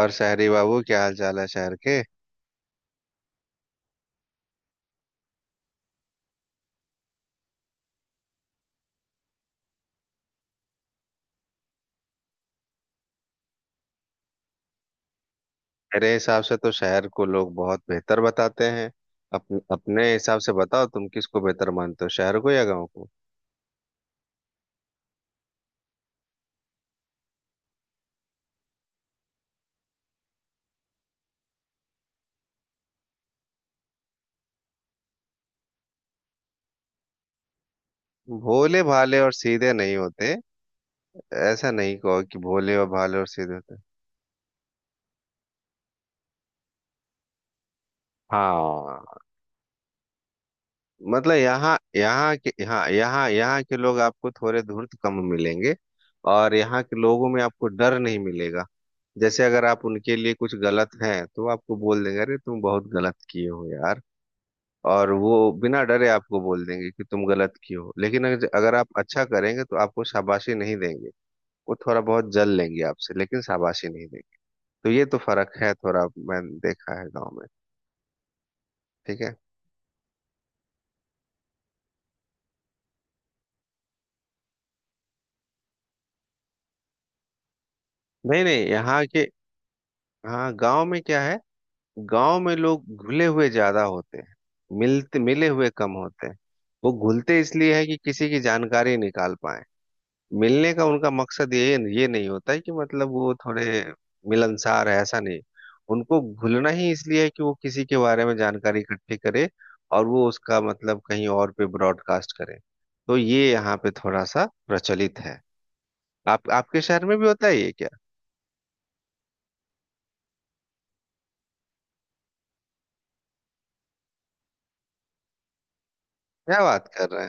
और शहरी बाबू, क्या हाल चाल है शहर के? मेरे हिसाब से तो शहर को लोग बहुत बेहतर बताते हैं। अपने अपने हिसाब से बताओ, तुम किसको बेहतर मानते हो, शहर को या गांव को? भोले भाले और सीधे नहीं होते। ऐसा नहीं कहो कि भोले और भाले और सीधे होते। हाँ। मतलब यहाँ यहाँ के यहाँ यहाँ यहाँ के लोग आपको थोड़े धूर्त कम मिलेंगे। और यहाँ के लोगों में आपको डर नहीं मिलेगा। जैसे अगर आप उनके लिए कुछ गलत हैं तो वो आपको बोल देंगे, अरे तुम बहुत गलत किए हो यार। और वो बिना डरे आपको बोल देंगे कि तुम गलत किए हो, लेकिन अगर अगर आप अच्छा करेंगे तो आपको शाबाशी नहीं देंगे। वो थोड़ा बहुत जल लेंगे आपसे, लेकिन शाबाशी नहीं देंगे। तो ये तो फर्क है थोड़ा, मैंने देखा है गांव में। ठीक है। नहीं नहीं यहाँ के। हाँ, गांव में क्या है? गांव में लोग घुले हुए ज्यादा होते हैं, मिलते मिले हुए कम होते हैं। वो घुलते इसलिए है कि किसी की जानकारी निकाल पाए। मिलने का उनका मकसद ये नहीं होता है कि मतलब वो थोड़े मिलनसार है, ऐसा नहीं। उनको घुलना ही इसलिए है कि वो किसी के बारे में जानकारी इकट्ठी करे और वो उसका मतलब कहीं और पे ब्रॉडकास्ट करे। तो ये यहाँ पे थोड़ा सा प्रचलित है। आप, आपके शहर में भी होता है ये क्या? क्या बात कर रहे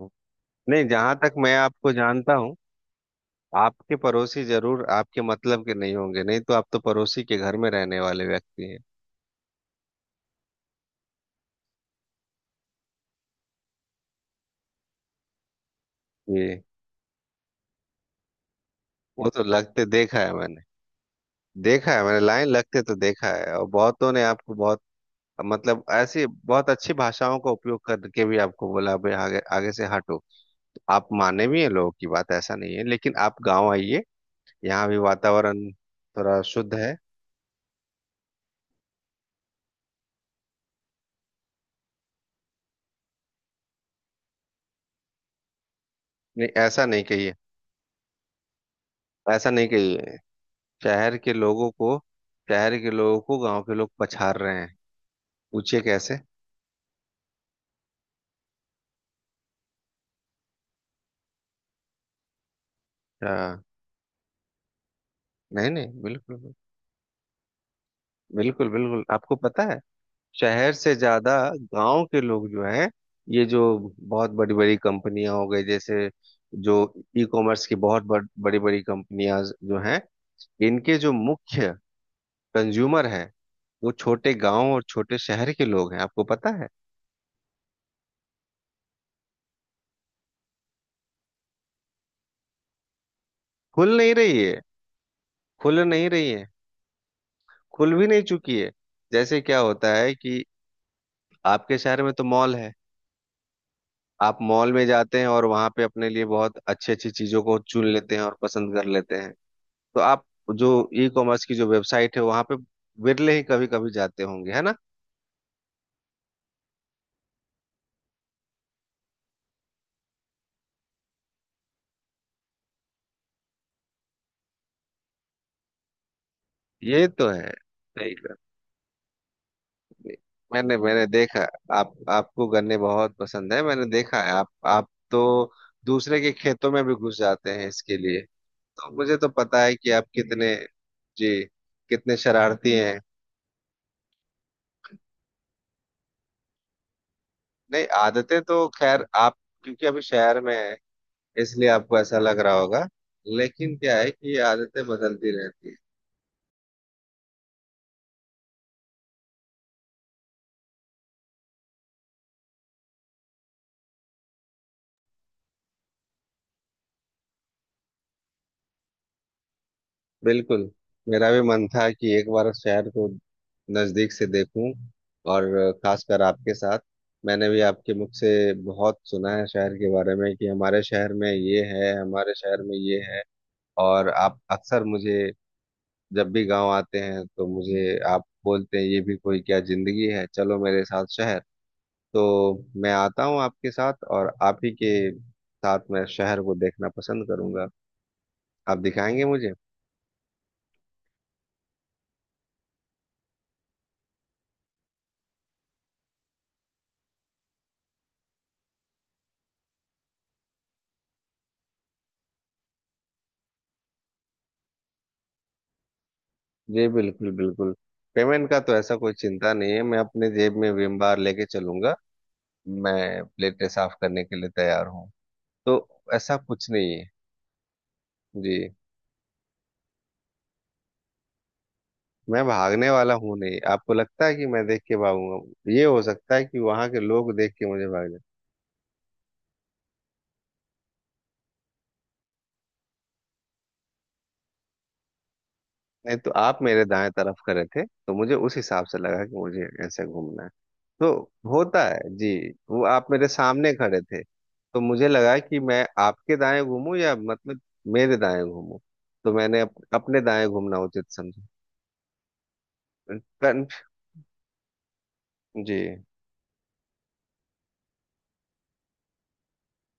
हैं। नहीं, जहां तक मैं आपको जानता हूँ, आपके पड़ोसी जरूर आपके मतलब के नहीं होंगे, नहीं तो आप तो पड़ोसी के घर में रहने वाले व्यक्ति हैं। ये वो तो लगते देखा है मैंने। देखा है मैंने लाइन लगते तो देखा है, और बहुतों ने आपको बहुत मतलब ऐसी बहुत अच्छी भाषाओं का उपयोग करके भी आपको बोला भाई, आगे आगे से हटो। आप माने भी हैं लोगों की बात, ऐसा नहीं है। लेकिन आप गांव आइए, यहाँ भी वातावरण थोड़ा शुद्ध है। नहीं, ऐसा नहीं कहिए। ऐसा नहीं कहिए। शहर के लोगों को, शहर के लोगों को गांव के लोग पछाड़ रहे हैं। पूछिए कैसे। हाँ। नहीं नहीं, बिल्कुल बिल्कुल बिल्कुल। आपको पता है, शहर से ज्यादा गांव के लोग जो हैं, ये जो बहुत बड़ी बड़ी कंपनियां हो गई, जैसे जो ई कॉमर्स की बहुत बड़ी बड़ी कंपनियां जो हैं, इनके जो मुख्य कंज्यूमर हैं वो छोटे गांव और छोटे शहर के लोग हैं। आपको पता है? खुल नहीं रही है। खुल नहीं रही है। खुल भी नहीं चुकी है। जैसे क्या होता है कि आपके शहर में तो मॉल है, आप मॉल में जाते हैं और वहां पे अपने लिए बहुत अच्छी अच्छी चीजों को चुन लेते हैं और पसंद कर लेते हैं। तो आप जो ई कॉमर्स की जो वेबसाइट है वहां पे विरले ही कभी कभी जाते होंगे, है ना? ये तो है, सही कहा। मैंने मैंने देखा, आप, आपको गन्ने बहुत पसंद है, मैंने देखा है। आप तो दूसरे के खेतों में भी घुस जाते हैं इसके लिए। तो मुझे तो पता है कि आप कितने, जी, कितने शरारती हैं। नहीं, आदतें तो खैर आप, क्योंकि अभी शहर में है इसलिए आपको ऐसा लग रहा होगा, लेकिन क्या है कि ये आदतें बदलती रहती है। बिल्कुल, मेरा भी मन था कि एक बार शहर को नजदीक से देखूं, और खासकर आपके साथ। मैंने भी आपके मुख से बहुत सुना है शहर के बारे में, कि हमारे शहर में ये है, हमारे शहर में ये है। और आप अक्सर मुझे जब भी गांव आते हैं तो मुझे आप बोलते हैं, ये भी कोई क्या जिंदगी है, चलो मेरे साथ शहर। तो मैं आता हूँ आपके साथ, और आप ही के साथ मैं शहर को देखना पसंद करूंगा। आप दिखाएंगे मुझे। जी बिल्कुल बिल्कुल। पेमेंट का तो ऐसा कोई चिंता नहीं है, मैं अपने जेब में विम बार लेके चलूंगा। मैं प्लेटें साफ करने के लिए तैयार हूँ। तो ऐसा कुछ नहीं है। जी, मैं भागने वाला हूँ नहीं, आपको लगता है कि मैं देख के भागूंगा? ये हो सकता है कि वहां के लोग देख के मुझे भाग जाए। नहीं तो आप मेरे दाएं तरफ खड़े थे, तो मुझे उस हिसाब से लगा कि मुझे ऐसे घूमना है। तो होता है जी। वो आप मेरे सामने खड़े थे तो मुझे लगा कि मैं आपके दाएं घूमूं या मतलब मेरे दाएं घूमूं। तो मैंने अपने दाएं घूमना उचित समझा। कन- जी,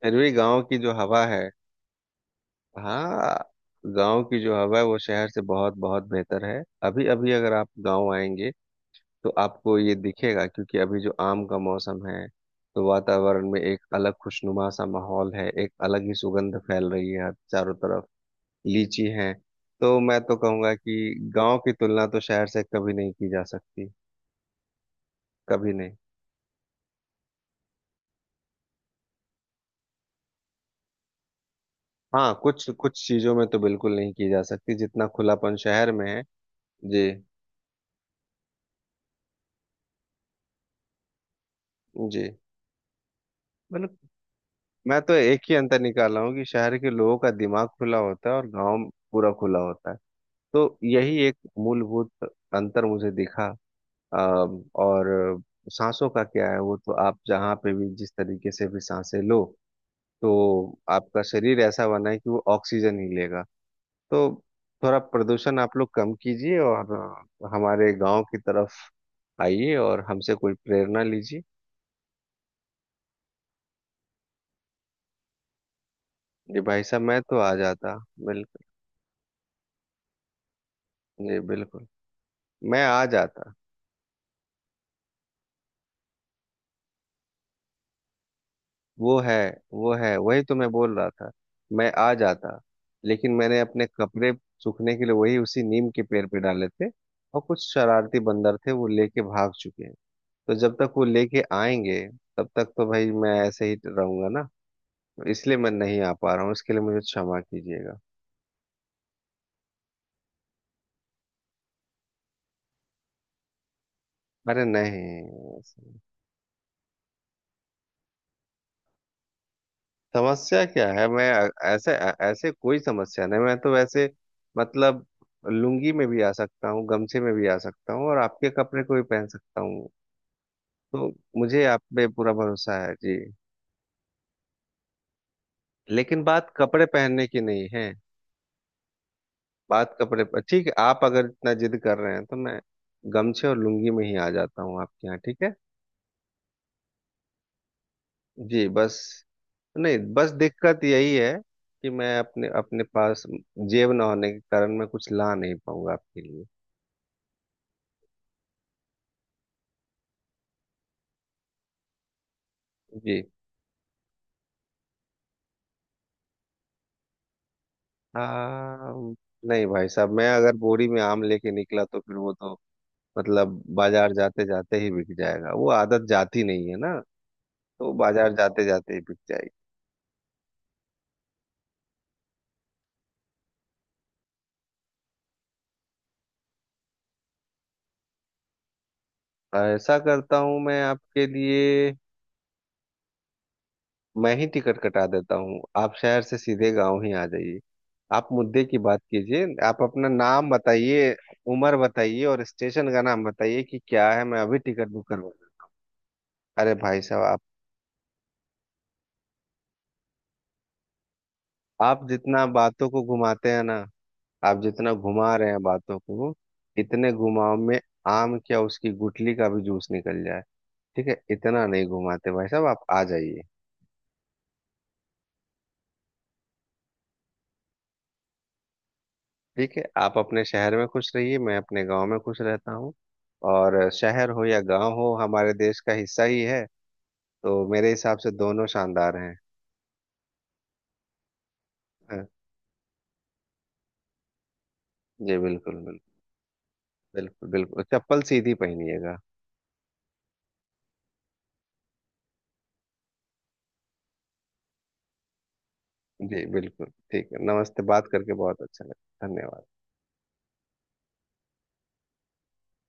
अरवी गांव की जो हवा है। हाँ, गांव की जो हवा है वो शहर से बहुत बहुत बेहतर है। अभी अभी अगर आप गांव आएंगे तो आपको ये दिखेगा, क्योंकि अभी जो आम का मौसम है तो वातावरण में एक अलग खुशनुमा सा माहौल है, एक अलग ही सुगंध फैल रही है चारों तरफ। लीची है। तो मैं तो कहूंगा कि गांव की तुलना तो शहर से कभी नहीं की जा सकती। कभी नहीं। हाँ, कुछ कुछ चीजों में तो बिल्कुल नहीं की जा सकती, जितना खुलापन शहर में है। जी। जी, मतलब मैं तो एक ही अंतर निकाला हूँ कि शहर के लोगों का दिमाग खुला होता है और गांव पूरा खुला होता है। तो यही एक मूलभूत अंतर मुझे दिखा। अ, और सांसों का क्या है, वो तो आप जहाँ पे भी जिस तरीके से भी सांसें लो, तो आपका शरीर ऐसा बना है कि वो ऑक्सीजन ही लेगा। तो थोड़ा प्रदूषण आप लोग कम कीजिए, और हमारे गांव की तरफ आइए और हमसे कोई प्रेरणा लीजिए। जी भाई साहब, मैं तो आ जाता। बिल्कुल। जी बिल्कुल, मैं आ जाता। वो है, वो है, वही तो मैं बोल रहा था। मैं आ जाता, लेकिन मैंने अपने कपड़े सूखने के लिए वही उसी नीम के पेड़ पे डाले थे, और कुछ शरारती बंदर थे वो लेके भाग चुके हैं। तो जब तक वो लेके आएंगे तब तक तो भाई मैं ऐसे ही रहूंगा ना। इसलिए मैं नहीं आ पा रहा हूँ, इसके लिए मुझे क्षमा कीजिएगा। अरे नहीं, समस्या क्या है। मैं ऐसे, ऐसे कोई समस्या नहीं, मैं तो वैसे मतलब लुंगी में भी आ सकता हूँ, गमछे में भी आ सकता हूँ और आपके कपड़े को भी पहन सकता हूँ। तो मुझे आप पे पूरा भरोसा है जी। लेकिन बात कपड़े पहनने की नहीं है, बात कपड़े पर ठीक है, आप अगर इतना जिद कर रहे हैं तो मैं गमछे और लुंगी में ही आ जाता हूँ आपके यहाँ, ठीक है। जी बस, नहीं, बस दिक्कत यही है कि मैं अपने अपने पास जेब ना होने के कारण मैं कुछ ला नहीं पाऊंगा आपके लिए। जी। हाँ। नहीं भाई साहब, मैं अगर बोरी में आम लेके निकला तो फिर वो तो मतलब बाजार जाते जाते ही बिक जाएगा, वो आदत जाती नहीं है ना। तो बाजार जाते जाते ही बिक जाएगी। ऐसा करता हूँ मैं आपके लिए, मैं ही टिकट कटा देता हूँ, आप शहर से सीधे गांव ही आ जाइए। आप मुद्दे की बात कीजिए, आप अपना नाम बताइए, उम्र बताइए और स्टेशन का नाम बताइए, कि क्या है, मैं अभी टिकट बुक करवा। अरे भाई साहब आप जितना बातों को घुमाते हैं ना, आप जितना घुमा रहे हैं बातों को, इतने घुमाव में आम क्या, उसकी गुठली का भी जूस निकल जाए। ठीक है, इतना नहीं घुमाते भाई साहब, आप आ जाइए। ठीक है, आप अपने शहर में खुश रहिए, मैं अपने गांव में खुश रहता हूँ। और शहर हो या गांव हो, हमारे देश का हिस्सा ही है। तो मेरे हिसाब से दोनों शानदार हैं। हाँ। जी बिल्कुल बिल्कुल। बिल्कुल बिल्कुल, चप्पल सीधी पहनिएगा। जी बिल्कुल, ठीक है, नमस्ते, बात करके बहुत अच्छा लगा, धन्यवाद।